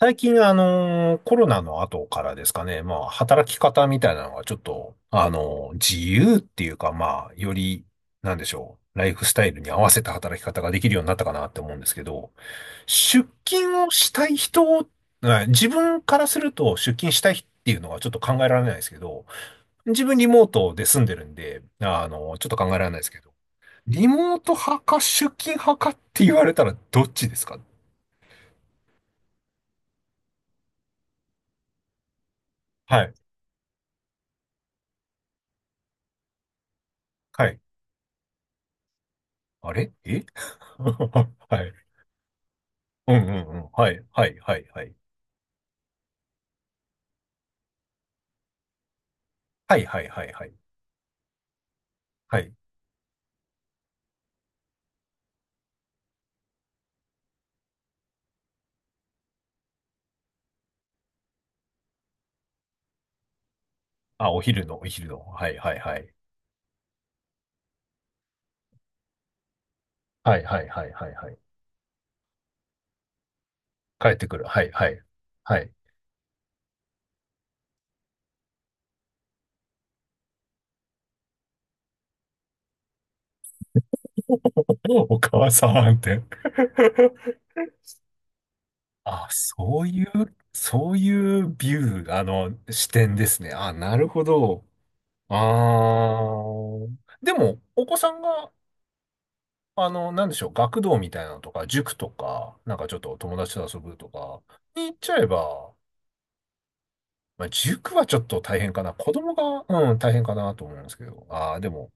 最近、コロナの後からですかね、まあ、働き方みたいなのがちょっと、自由っていうか、まあ、より、なんでしょう、ライフスタイルに合わせた働き方ができるようになったかなって思うんですけど、出勤をしたい人、はい、自分からすると出勤したいっていうのがちょっと考えられないですけど、自分リモートで住んでるんで、ちょっと考えられないですけど、リモート派か出勤派かって言われたらどっちですか？はい。はい、あれえ。 はい。うんうんうん。はい、はい、はい、はい。はい、はい、はい、はい。はい。あ、お昼の、お昼の。はい、はい、はい。はい、はい、はい、はい。はい、帰ってくる。はい、はい。はい。お母さんって。あ、そういう、そういうビュー、あの、視点ですね。あ、なるほど。あー。でも、お子さんが、あの、なんでしょう、学童みたいなのとか、塾とか、なんかちょっと友達と遊ぶとか、に行っちゃえば、まあ、塾はちょっと大変かな。子供が、うん、大変かなと思うんですけど。ああ、でも、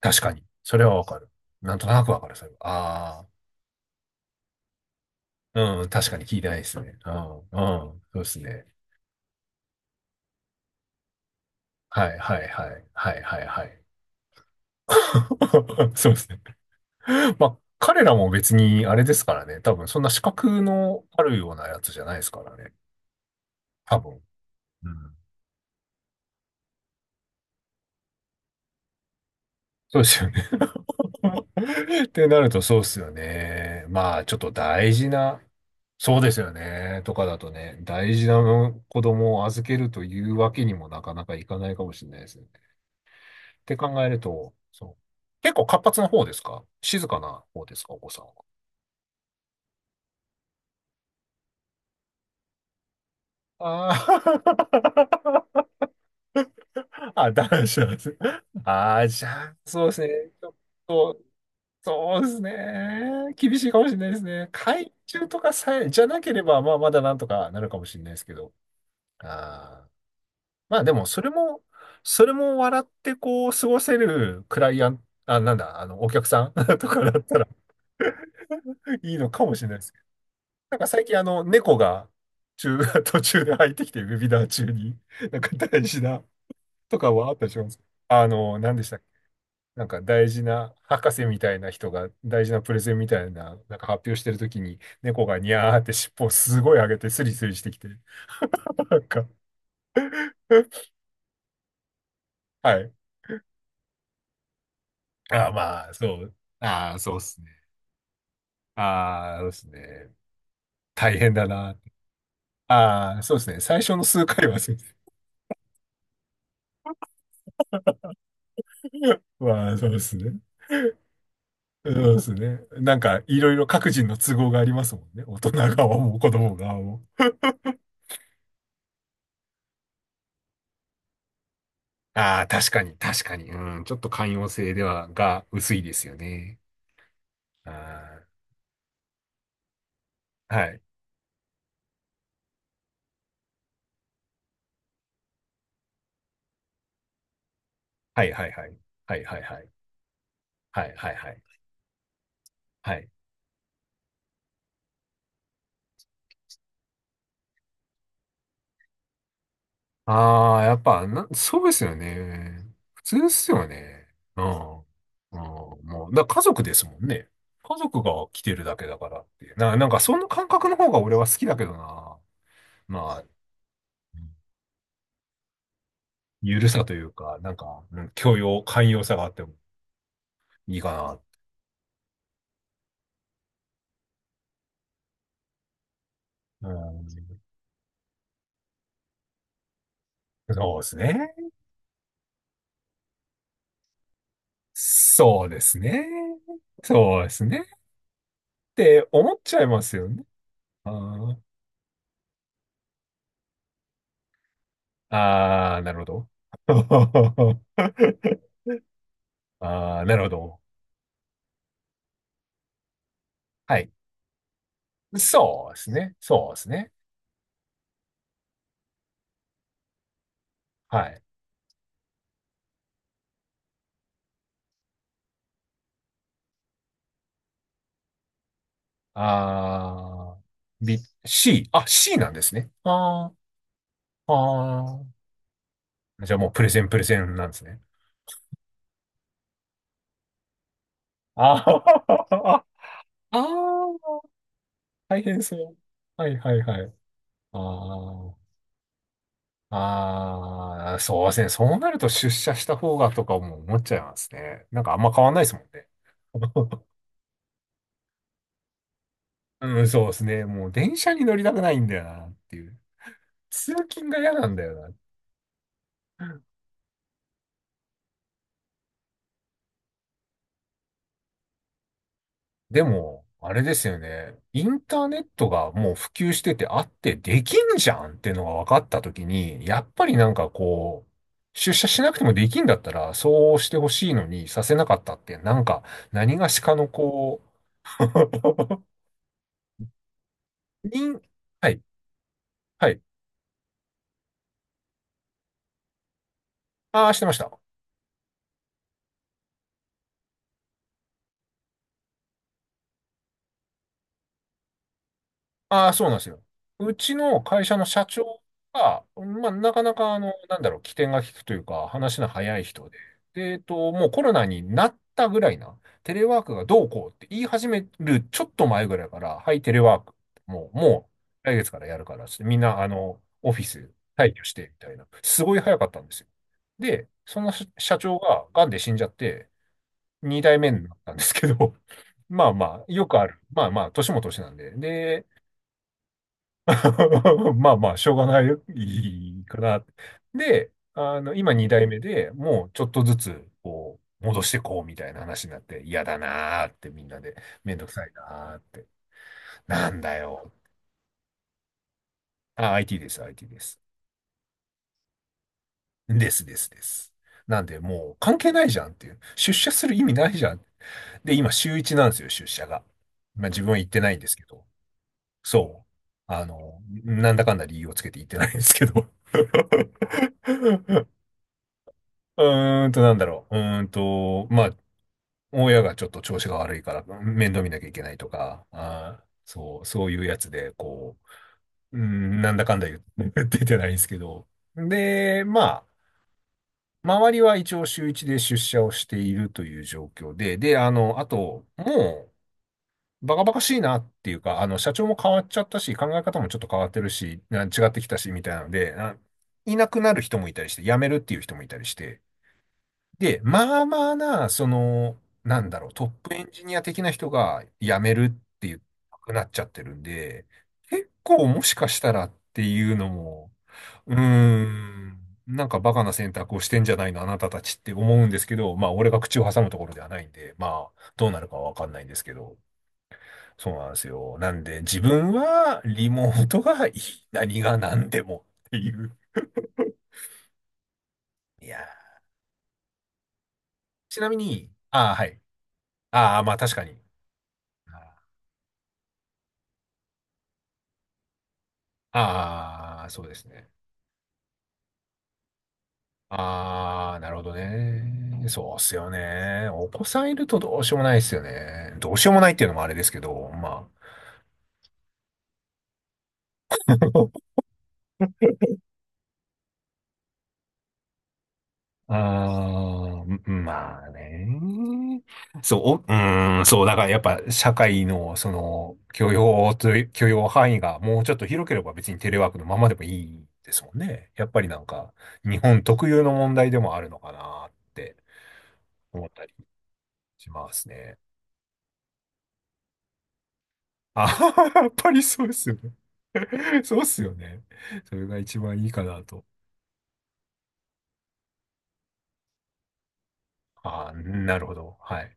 確かに。それはわかる。なんとなくわかる、それは。ああ、うん、確かに聞いてないですね。うん、うん、そうですね。はい、はい、はい、はい、はい、はい。そうですね。まあ、彼らも別にあれですからね。多分、そんな資格のあるようなやつじゃないですからね。多分。うん。そうですよね。ってなるとそうですよね。まあ、ちょっと大事な、そうですよね。とかだとね、大事な子供を預けるというわけにもなかなかいかないかもしれないですね。って考えると、そう。結構活発な方ですか、静かな方ですか、お子さんは？ああ。 あ、男子なんです。ああ、じゃあ、そうですね。ちょっと、そうですね。厳しいかもしれないですね。海中とかさえ、じゃなければ、まあ、まだなんとかなるかもしれないですけど。ああ。まあでも、それも、それも笑ってこう、過ごせるクライアント、あ、なんだ、あの、お客さん とかだったら いいのかもしれないですけど。なんか最近あの、猫が中、途中で入ってきて、ウェビナー中に、なんか大事な、とかはあったりします。あの、何でしたっけ？なんか大事な博士みたいな人が大事なプレゼンみたいな、なんか発表してるときに猫がニャーって尻尾をすごい上げてスリスリしてきて、なんか、はい。あ、まあ、そう。ああ、そうっすね。ああ、そうですね。大変だな。ああ、そうですね。最初の数回はそうです。まあ、そうですね。そうですね。なんか、いろいろ各人の都合がありますもんね。大人側も子供側も。ああ、確かに、確かに。うん、ちょっと寛容性では、が薄いですよね。ああ、はい。はい、はい、はい。はい、はい、はい。はい、はい、はい。はい、ああ、やっぱ、な、そうですよね。普通ですよね。うん。うん、もう、だから家族ですもんね。家族が来てるだけだからっていう。な、なんか、その感覚の方が俺は好きだけどな。まあ、ゆるさというか、なんか、うん、許容、寛容さがあってもいいかな。うん、そうですね。そうですね。そうですね。って思っちゃいますよね。あー、あー、なるほど。ああ、なるほど。はい。そうですね。そうですね。はい。あー、B、C。あ、C なんですね。あー、あー。じゃあもうプレゼンプレゼンなんですね。あー、あー、大変そう。はい、はい、はい。あー、あー、そうですね。そうなると出社した方がとかも思っちゃいますね。なんかあんま変わんないですもんね。うん、そうですね。もう電車に乗りたくないんだよなっていう。通勤が嫌なんだよな。でも、あれですよね。インターネットがもう普及しててあってできんじゃんっていうのが分かったときに、やっぱりなんかこう、出社しなくてもできんだったら、そうしてほしいのにさせなかったって、なんか、何がしかのこう、人、はい、はい。ああ、してました。ああ、そうなんですよ。うちの会社の社長が、まあ、なかなか、あの、なんだろう、機転が利くというか、話の早い人で、で、もうコロナになったぐらいな、テレワークがどうこうって言い始めるちょっと前ぐらいから、はい、テレワーク、もう、来月からやるからっつって、みんな、あの、オフィス退去して、みたいな、すごい早かったんですよ。で、その社社長が、癌で死んじゃって、二代目になったんですけど、まあまあ、よくある。まあまあ、年も年なんで。で、まあまあ、しょうがないよいいかな。で、あの、今2代目でもうちょっとずつ、こう、戻してこうみたいな話になって、嫌だなーってみんなで、めんどくさいなーって。なんだよ。あ、IT です、IT です。ですですです。なんで、もう関係ないじゃんっていう。出社する意味ないじゃん。で、今週一なんですよ、出社が。まあ自分は行ってないんですけど。そう。あの、なんだかんだ理由をつけて行ってないんですけど。うーんと、なんだろう。うーんと、まあ、親がちょっと調子が悪いから面倒見なきゃいけないとか、あー、そう、そういうやつで、こう、うーん、なんだかんだ言って 出てないんですけど。で、まあ、周りは一応週一で出社をしているという状況で、で、あの、あと、もう、バカバカしいなっていうか、あの、社長も変わっちゃったし、考え方もちょっと変わってるし、な違ってきたし、みたいなので、あ、いなくなる人もいたりして、辞めるっていう人もいたりして、で、まあまあな、その、なんだろう、トップエンジニア的な人が辞めるっていう、なくなっちゃってるんで、結構もしかしたらっていうのも、うーん、なんかバカな選択をしてんじゃないの、あなたたちって思うんですけど、まあ俺が口を挟むところではないんで、まあどうなるかはわかんないんですけど、そうなんですよ。なんで自分はリモートがいい、何が何でもっていう。いやー、ちなみに、ああ、はい。ああ、まあ確かに。ああ、そうですね。ああ、なるほどね。そうっすよね。お子さんいるとどうしようもないですよね。どうしようもないっていうのもあれですけど、まあ。ああ、うん、まあね。そう、お、うん、そう、だからやっぱ社会のその許容という、許容範囲がもうちょっと広ければ別にテレワークのままでもいいですもんね。やっぱりなんか日本特有の問題でもあるのかなって思ったりしますね。あ、やっぱりそうですよね。そうっすよね。それが一番いいかなと。ああ、なるほど。はい。